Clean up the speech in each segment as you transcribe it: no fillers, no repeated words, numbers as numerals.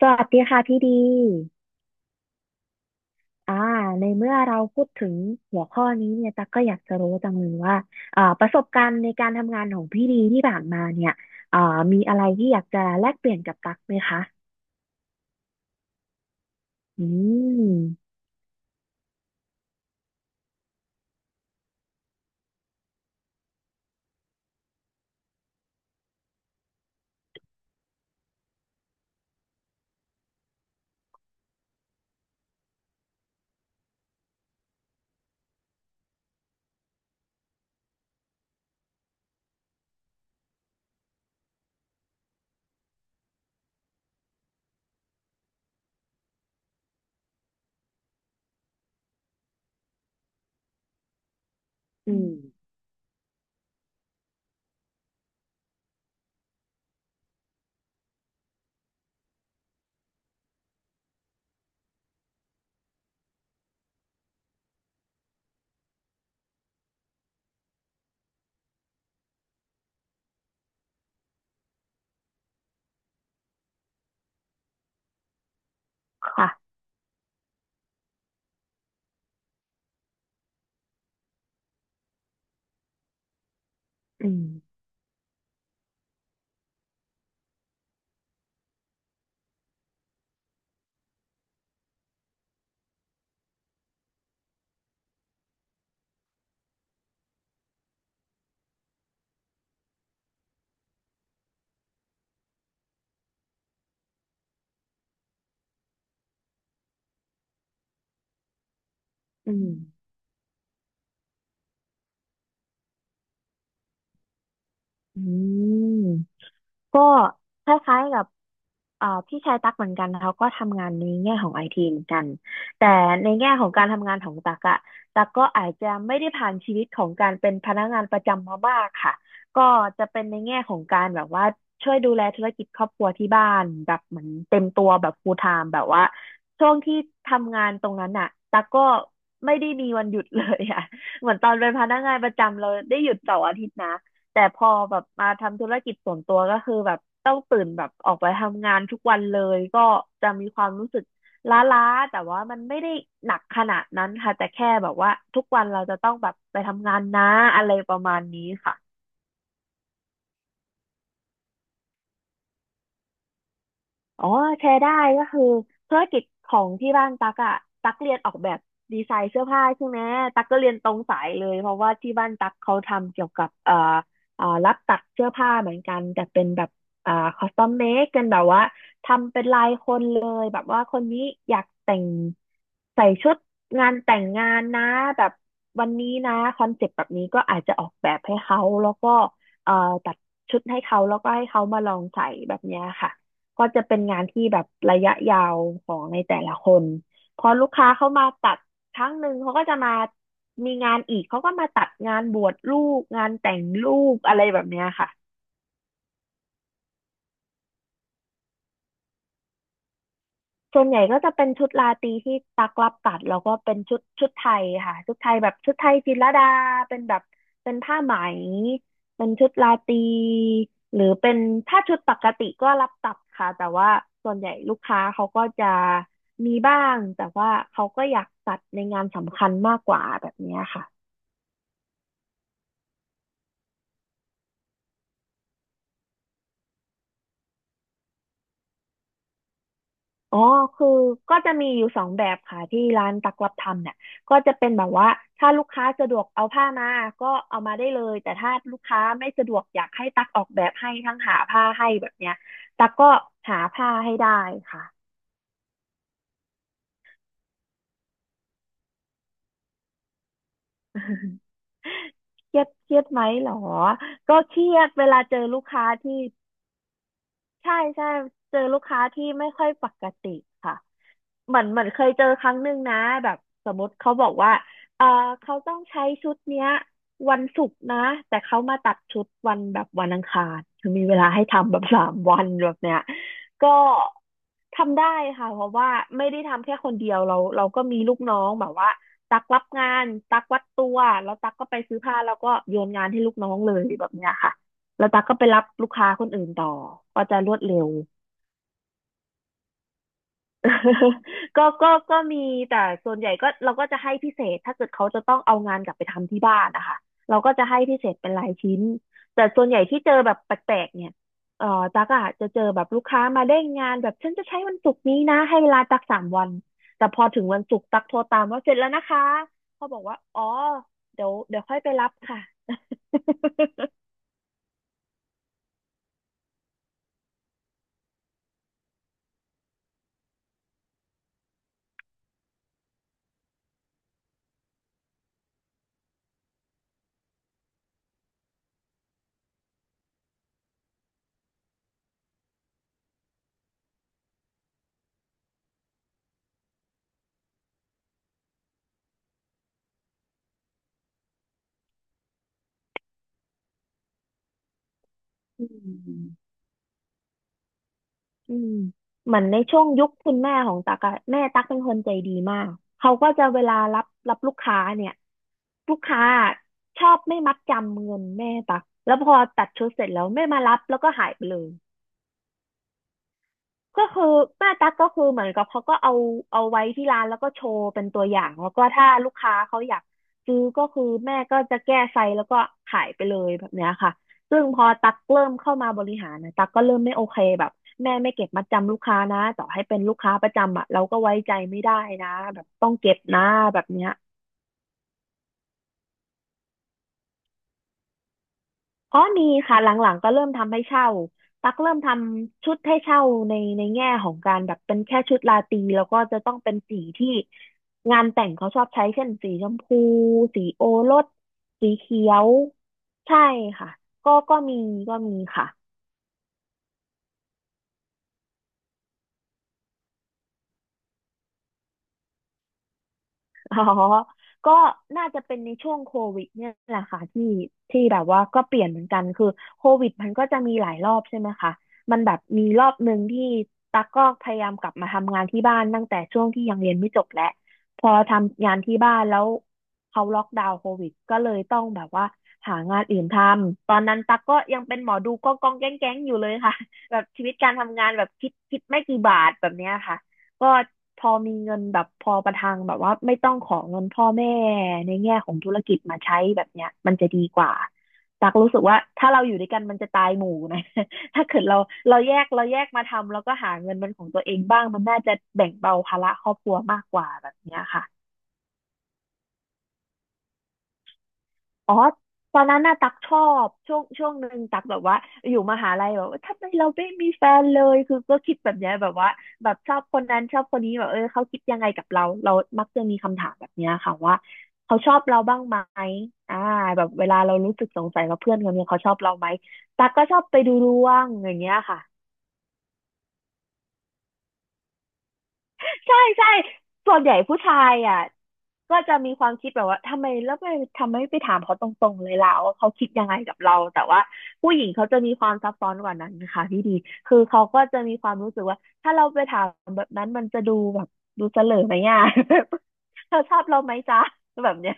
สวัสดีค่ะพี่ดีอ่าในเมื่อเราพูดถึงหัวข้อนี้เนี่ยตั๊กก็อยากจะรู้จังเลยว่าประสบการณ์ในการทำงานของพี่ดีที่ผ่านมาเนี่ยอ่ามีอะไรที่อยากจะแลกเปลี่ยนกับตั๊กไหมคะ อืม อืมค่ะ อืมอืมอืม ก็คล้ายๆกับพี่ชายตั๊กเหมือนกันเขาก็ทำงานในแง่ของไอทีเหมือนกันแต่ในแง่ของการทำงานของตั๊กอะตั๊กก็อาจจะไม่ได้ผ่านชีวิตของการเป็นพนักงานประจำมามากค่ะก็จะเป็นในแง่ของการแบบว่าช่วยดูแลธุรกิจครอบครัวที่บ้านแบบเหมือนเต็มตัวแบบ full time แบบว่าช่วงที่ทำงานตรงนั้นอะตั๊กก็ไม่ได้มีวันหยุดเลยอะ เหมือนตอนเป็นพนักงานประจำเราได้หยุดเสาร์อาทิตย์นะ แต่พอแบบมาทำธุรกิจส่วนตัวก็คือแบบต้องตื่นแบบออกไปทำงานทุกวันเลยก็จะมีความรู้สึกล้าๆแต่ว่ามันไม่ได้หนักขนาดนั้นค่ะแต่แค่แบบว่าทุกวันเราจะต้องแบบไปทำงานนะอะไรประมาณนี้ค่ะ อ๋อแชร์ได้ก็คือธุรกิจของที่บ้านตักอะตักเรียนออกแบบดีไซน์เสื้อผ้าใช่ไหมตักก็เรียนตรงสายเลยเพราะว่าที่บ้านตักเขาทำเกี่ยวกับรับตัดเสื้อผ้าเหมือนกันแต่เป็นแบบคอสตอมเมคกันแบบว่าทำเป็นลายคนเลยแบบว่าคนนี้อยากแต่งใส่ชุดงานแต่งงานนะแบบวันนี้นะคอนเซ็ปต์แบบนี้ก็อาจจะออกแบบให้เขาแล้วก็เอ่อตัดชุดให้เขาแล้วก็ให้เขามาลองใส่แบบเนี้ยค่ะ ก็จะเป็นงานที่แบบระยะยาวของในแต่ละคนพอลูกค้าเข้ามาตัดครั้งหนึ่งเขาก็จะมามีงานอีกเขาก็มาตัดงานบวชลูกงานแต่งลูกอะไรแบบเนี้ยค่ะ ส่วนใหญ่ก็จะเป็นชุดราตรีที่ตักรับตัดแล้วก็เป็นชุดชุดไทยค่ะชุดไทยแบบชุดไทยจิตรลดาเป็นแบบเป็นผ้าไหมเป็นชุดราตรีหรือเป็นถ้าชุดปกติก็รับตัดค่ะแต่ว่าส่วนใหญ่ลูกค้าเขาก็จะมีบ้างแต่ว่าเขาก็อยากตัดในงานสำคัญมากกว่าแบบเนี้ยค่ะ อ๋อคือก็จะมีอยู่สองแบบค่ะที่ร้านตักรับทำเนี่ยก็จะเป็นแบบว่าถ้าลูกค้าสะดวกเอาผ้ามาก็เอามาได้เลยแต่ถ้าลูกค้าไม่สะดวกอยากให้ตักออกแบบให้ทั้งหาผ้าให้แบบเนี้ยตักก็หาผ้าให้ได้ค่ะ เครียดเครียดไหมเหรอก็เครียดเวลาเจอลูกค้าที่ ใช่ใช่เจอลูกค้าที่ไม่ค่อยปกติค่ะเหมือนเหมือนเคยเจอครั้งหนึ่งนะแบบสมมติเขาบอกว่าเออเขาต้องใช้ชุดเนี้ยวันศุกร์นะแต่เขามาตัดชุดวันแบบวันอังคารคือมีเวลาให้ทำแบบ สามวันแบบเนี้ยก็ทำได้ค่ะเพราะว่าไม่ได้ทำแค่คนเดียวเราก็มีลูกน้องแบบว่าตักรับงานตักวัดตัวแล้วตักก็ไปซื้อผ้าแล้วก็โยนงานให้ลูกน้องเลยแบบเนี้ยค่ะ แล้วตั๊กก็ไปรับลูกค้าคนอื่นต่อก็จะรวดเร็ว ก็มีแต่ส่วนใหญ่ก็เราก็จะให้พิเศษถ้าเกิดเขาจะต้องเอางานกลับไปทำที่บ้านนะคะเราก็จะให้พิเศษเป็นรายชิ้นแต่ส่วนใหญ่ที่เจอแบบแปลกๆเนี่ยเอ่อตักอะจะเจอแบบลูกค้ามาเร่งงานแบบฉันจะใช้วันศุกร์นี้นะให้เวลาตักสามวันแต่พอถึงวันศุกร์ตักโทรตามว่าเสร็จแล้วนะคะเขาบอกว่าอ๋อเดี๋ยวเดี๋ยวค่อยไปรับค่ะ อืม อืมเหมือนในช่วงยุคคุณแม่ของตั๊กอะแม่ตั๊กเป็นคนใจดีมากเขาก็จะเวลารับรับลูกค้าเนี่ยลูกค้าชอบไม่มัดจำเงินแม่ตั๊กแล้วพอตัดชุดเสร็จแล้วไม่มารับแล้วก็หายไปเลย ก็คือหน้าตั๊กก็คือเหมือนกับเขาก็เอาเอาไว้ที่ร้านแล้วก็โชว์เป็นตัวอย่างแล้วก็ถ้าลูกค้าเขาอยากซื้อก็คือแม่ก็จะแก้ไซส์แล้วก็ขายไปเลยแบบเนี้ยค่ะซึ่งพอตั๊กเริ่มเข้ามาบริหารนะตั๊กก็เริ่มไม่โอเคแบบแม่ไม่เก็บมัดจำลูกค้านะต่อให้เป็นลูกค้าประจำอ่ะเราก็ไว้ใจไม่ได้นะแบบต้องเก็บนะแบบเนี้ย อ๋อมีค่ะหลังๆก็เริ่มทำให้เช่าตักเริ่มทำชุดให้เช่าในแง่ของการแบบเป็นแค่ชุดราตรีแล้วก็จะต้องเป็นสีที่งานแต่งเขาชอบใช้เช่นสีชมพูสีโอรสสีเขียวใช่ค่ะก็มีก็มีค่ะ อ๋อก็น่าจะเป็นในช่วงโควิดเนี่ยแหละค่ะที่แบบว่าก็เปลี่ยนเหมือนกันคือโควิดมันก็จะมีหลายรอบใช่ไหมคะมันแบบมีรอบหนึ่งที่ตั๊กก็พยายามกลับมาทำงานที่บ้านตั้งแต่ช่วงที่ยังเรียนไม่จบแหละพอทำงานที่บ้านแล้วเขาล็อกดาวน์โควิดก็เลยต้องแบบว่าหางานอื่นทำตอนนั้นตั๊กก็ยังเป็นหมอดูก็กองแก๊งแก๊งอยู่เลยค่ะแบบชีวิตการทำงานแบบคิดไม่กี่บาทแบบเนี้ยค่ะ ก็พอมีเงินแบบพอประทังแบบว่าไม่ต้องขอเงินพ่อแม่ในแง่ของธุรกิจมาใช้แบบเนี้ยมันจะดีกว่าตักรู้สึกว่าถ้าเราอยู่ด้วยกันมันจะตายหมู่นะ ถ้าเกิดเราเราแยกมาทำแล้วก็หาเงินเป็นของตัวเองบ้างมันน่าจะแบ่งเบาภาระครอบครัวมากกว่าแบบเนี้ยค่ะ อ๋อตอนนั้นน่ะตักชอบช่วงหนึ่งตักแบบว่าอยู่มหาลัยแบบว่าทำไมเราไม่มีแฟนเลยคือก็คิดแบบเนี้ยแบบว่าแบบชอบคนนั้นชอบคนนี้แบบเออเขาคิดยังไงกับเราเรามักจะมีคำถามแบบเนี้ยค่ะว่าเขาชอบเราบ้างไหมอ่าแบบเวลาเรารู้สึกสงสัยว่าเพื่อนคนนี้เขาชอบเราไหมตักก็ชอบไปดูดวงอย่างเงี้ยค่ะ ใช่ใช่ส่วนใหญ่ผู้ชายอ่ะก็จะมีความคิดแบบว่าทำไมแล้วไม่ทำไมไม่ไปถามเขาตรงๆเลยล่ะว่าเขาคิดยังไงกับเราแต่ว่าผู้หญิงเขาจะมีความซับซ้อนกว่านั้นนะคะพี่ดีคือเขาก็จะมีความรู้สึกว่าถ้าเราไปถามแบบนั้นมันจะดูแบบดูเสลอไหมอ่ะ เธอชอบเราไหมจ๊ะแบบเนี้ย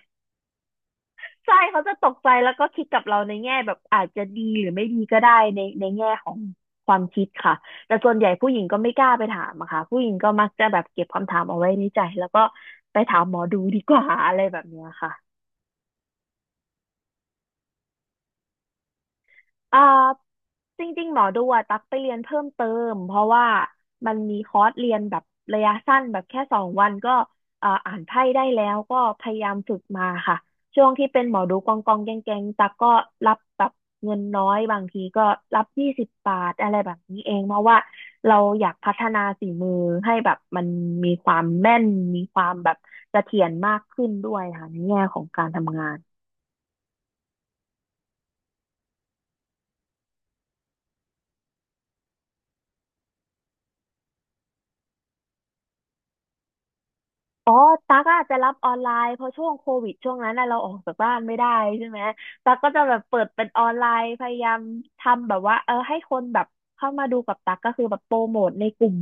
ใช่เขาจะตกใจแล้วก็คิดกับเราในแง่แบบอาจจะดีหรือไม่ดีก็ได้ในแง่ของความคิดค่ะแต่ส่วนใหญ่ผู้หญิงก็ไม่กล้าไปถามอะค่ะผู้หญิงก็มักจะแบบเก็บคำถามเอาไว้ในใจแล้วก็ไปถามหมอดูดีกว่าอะไรแบบเนี้ยค่ะ เอ่อจริงๆหมอดูอะตักไปเรียนเพิ่มเติมเพราะว่ามันมีคอร์สเรียนแบบระยะสั้นแบบแค่2 วันก็อ่านไพ่ได้แล้วก็พยายามฝึกมาค่ะช่วงที่เป็นหมอดูกองแกงตักก็รับแบบเงินน้อยบางทีก็รับ20 บาทอะไรแบบนี้เองเพราะว่าเราอยากพัฒนาฝีมือให้แบบมันมีความแม่นมีความแบบเสถียรมากขึ้นด้วยค่ะในแง่ของการทำงาน อ๋อตั๊กอาจจะรับออนไลน์เพราะช่วงโควิดช่วงนั้นน่ะเราออกจากบ้านไม่ได้ใช่ไหมตั๊กก็จะแบบเปิดเป็นออนไลน์พยายามทำแบบว่าเออให้คนแบบเข้ามาดูกับตั๊กก็คือแบบโปรโมทในกลุ่ม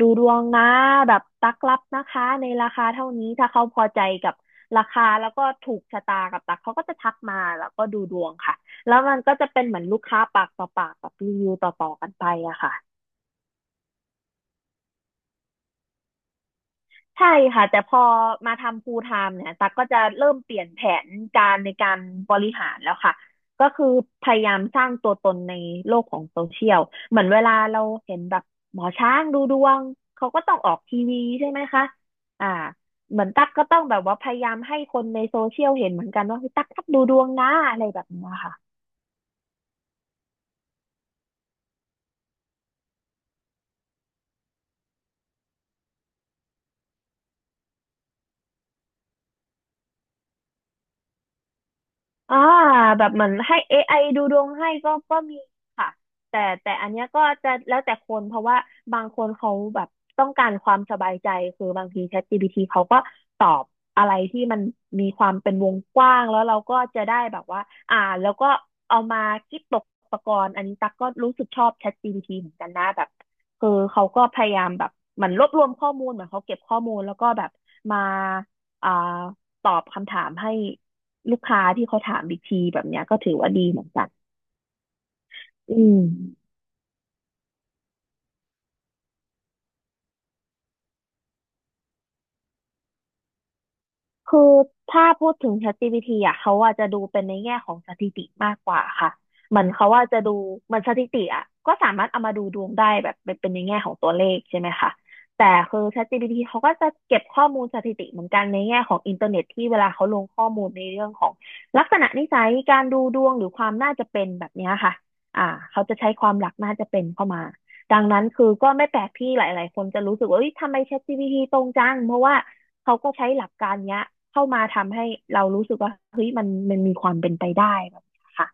ดูดวงนะแบบตั๊กรับนะคะในราคาเท่านี้ถ้าเขาพอใจกับราคาแล้วก็ถูกชะตากับตั๊กเขาก็จะทักมาแล้วก็ดูดวงค่ะแล้วมันก็จะเป็นเหมือนลูกค้าปากต่อปากแบบรีวิวต่อๆกันไปอะค่ะ ใช่ค่ะแต่พอมาทำ full time เนี่ยตั๊กก็จะเริ่มเปลี่ยนแผนการในการบริหารแล้วค่ะก็คือพยายามสร้างตัวตนในโลกของโซเชียลเหมือนเวลาเราเห็นแบบหมอช้างดูดวงเขาก็ต้องออกทีวีใช่ไหมคะอ่าเหมือนตั๊กก็ต้องแบบว่าพยายามให้คนในโซเชียลเห็นเหมือนกันว่าเฮ้ยตั๊กดูดวงนะอะไรแบบเนี้ยค่ะ อ่าแบบเหมือนให้เอไ i ดูดวงให้ก็มีค่ะแต่อันเนี้ยก็จะแล้วแต่คนเพราะว่าบางคนเขาแบบต้องการความสบายใจคือบางที ChatGPT เขาก็ตอบอะไรที่มันมีความเป็นวงกว้างแล้วเราก็จะได้แบบว่าอ่านแล้วก็เอามาคิดตกตะกอนอันนี้ตักก็รู้สึกชอบ ChatGPT เหมือนกันนะแบบคือเขาก็พยายามแบบเหมือนรวบรวมข้อมูลเหมือนเขาเก็บข้อมูลแล้วก็แบบมาอ่าตอบคำถามให้ ลูกค้าที่เขาถามอีกทีแบบเนี้ยก็ถือว่าดีเหมือนกันอืม คือถ้าพูดถึง ChatGPT อ่ะเขาอาจจะดูเป็นในแง่ของสถิติมากกว่าค่ะเหมือนเขาว่าจะดูเหมันสถิติอ่ะก็สามารถเอามาดูดวงได้แบบเป็นเป็นในแง่ของตัวเลขใช่ไหมคะแต่คือ ChatGPT เขาก็จะเก็บข้อมูลสถิติเหมือนกันในแง่ของอินเทอร์เน็ตที่เวลาเขาลงข้อมูลในเรื่องของลักษณะนิสัยการดูดวงหรือความน่าจะเป็นแบบเนี้ยค่ะเขาจะใช้ความหลักน่าจะเป็นเข้ามาดังนั้นคือก็ไม่แปลกที่หลายๆคนจะรู้สึกว่าเอ้ยทำไม ChatGPT ตรงจังเพราะว่า เขาก็ใช้หลักการเนี้ยเข้ามาทำให้เรารู้สึกว่าเฮ้ยมันมีความเป็นไปได้แบบนี้ยค่ะ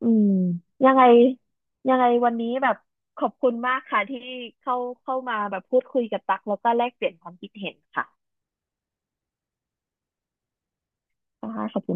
อืมยังไงยังไงวันนี้แบบขอบคุณมากค่ะที่เข้าเข้ามาแบบพูดคุยกับตักแล้วก็แลกเปลี่ยนความคิดเห็นค่ะค่ะขอบคุณ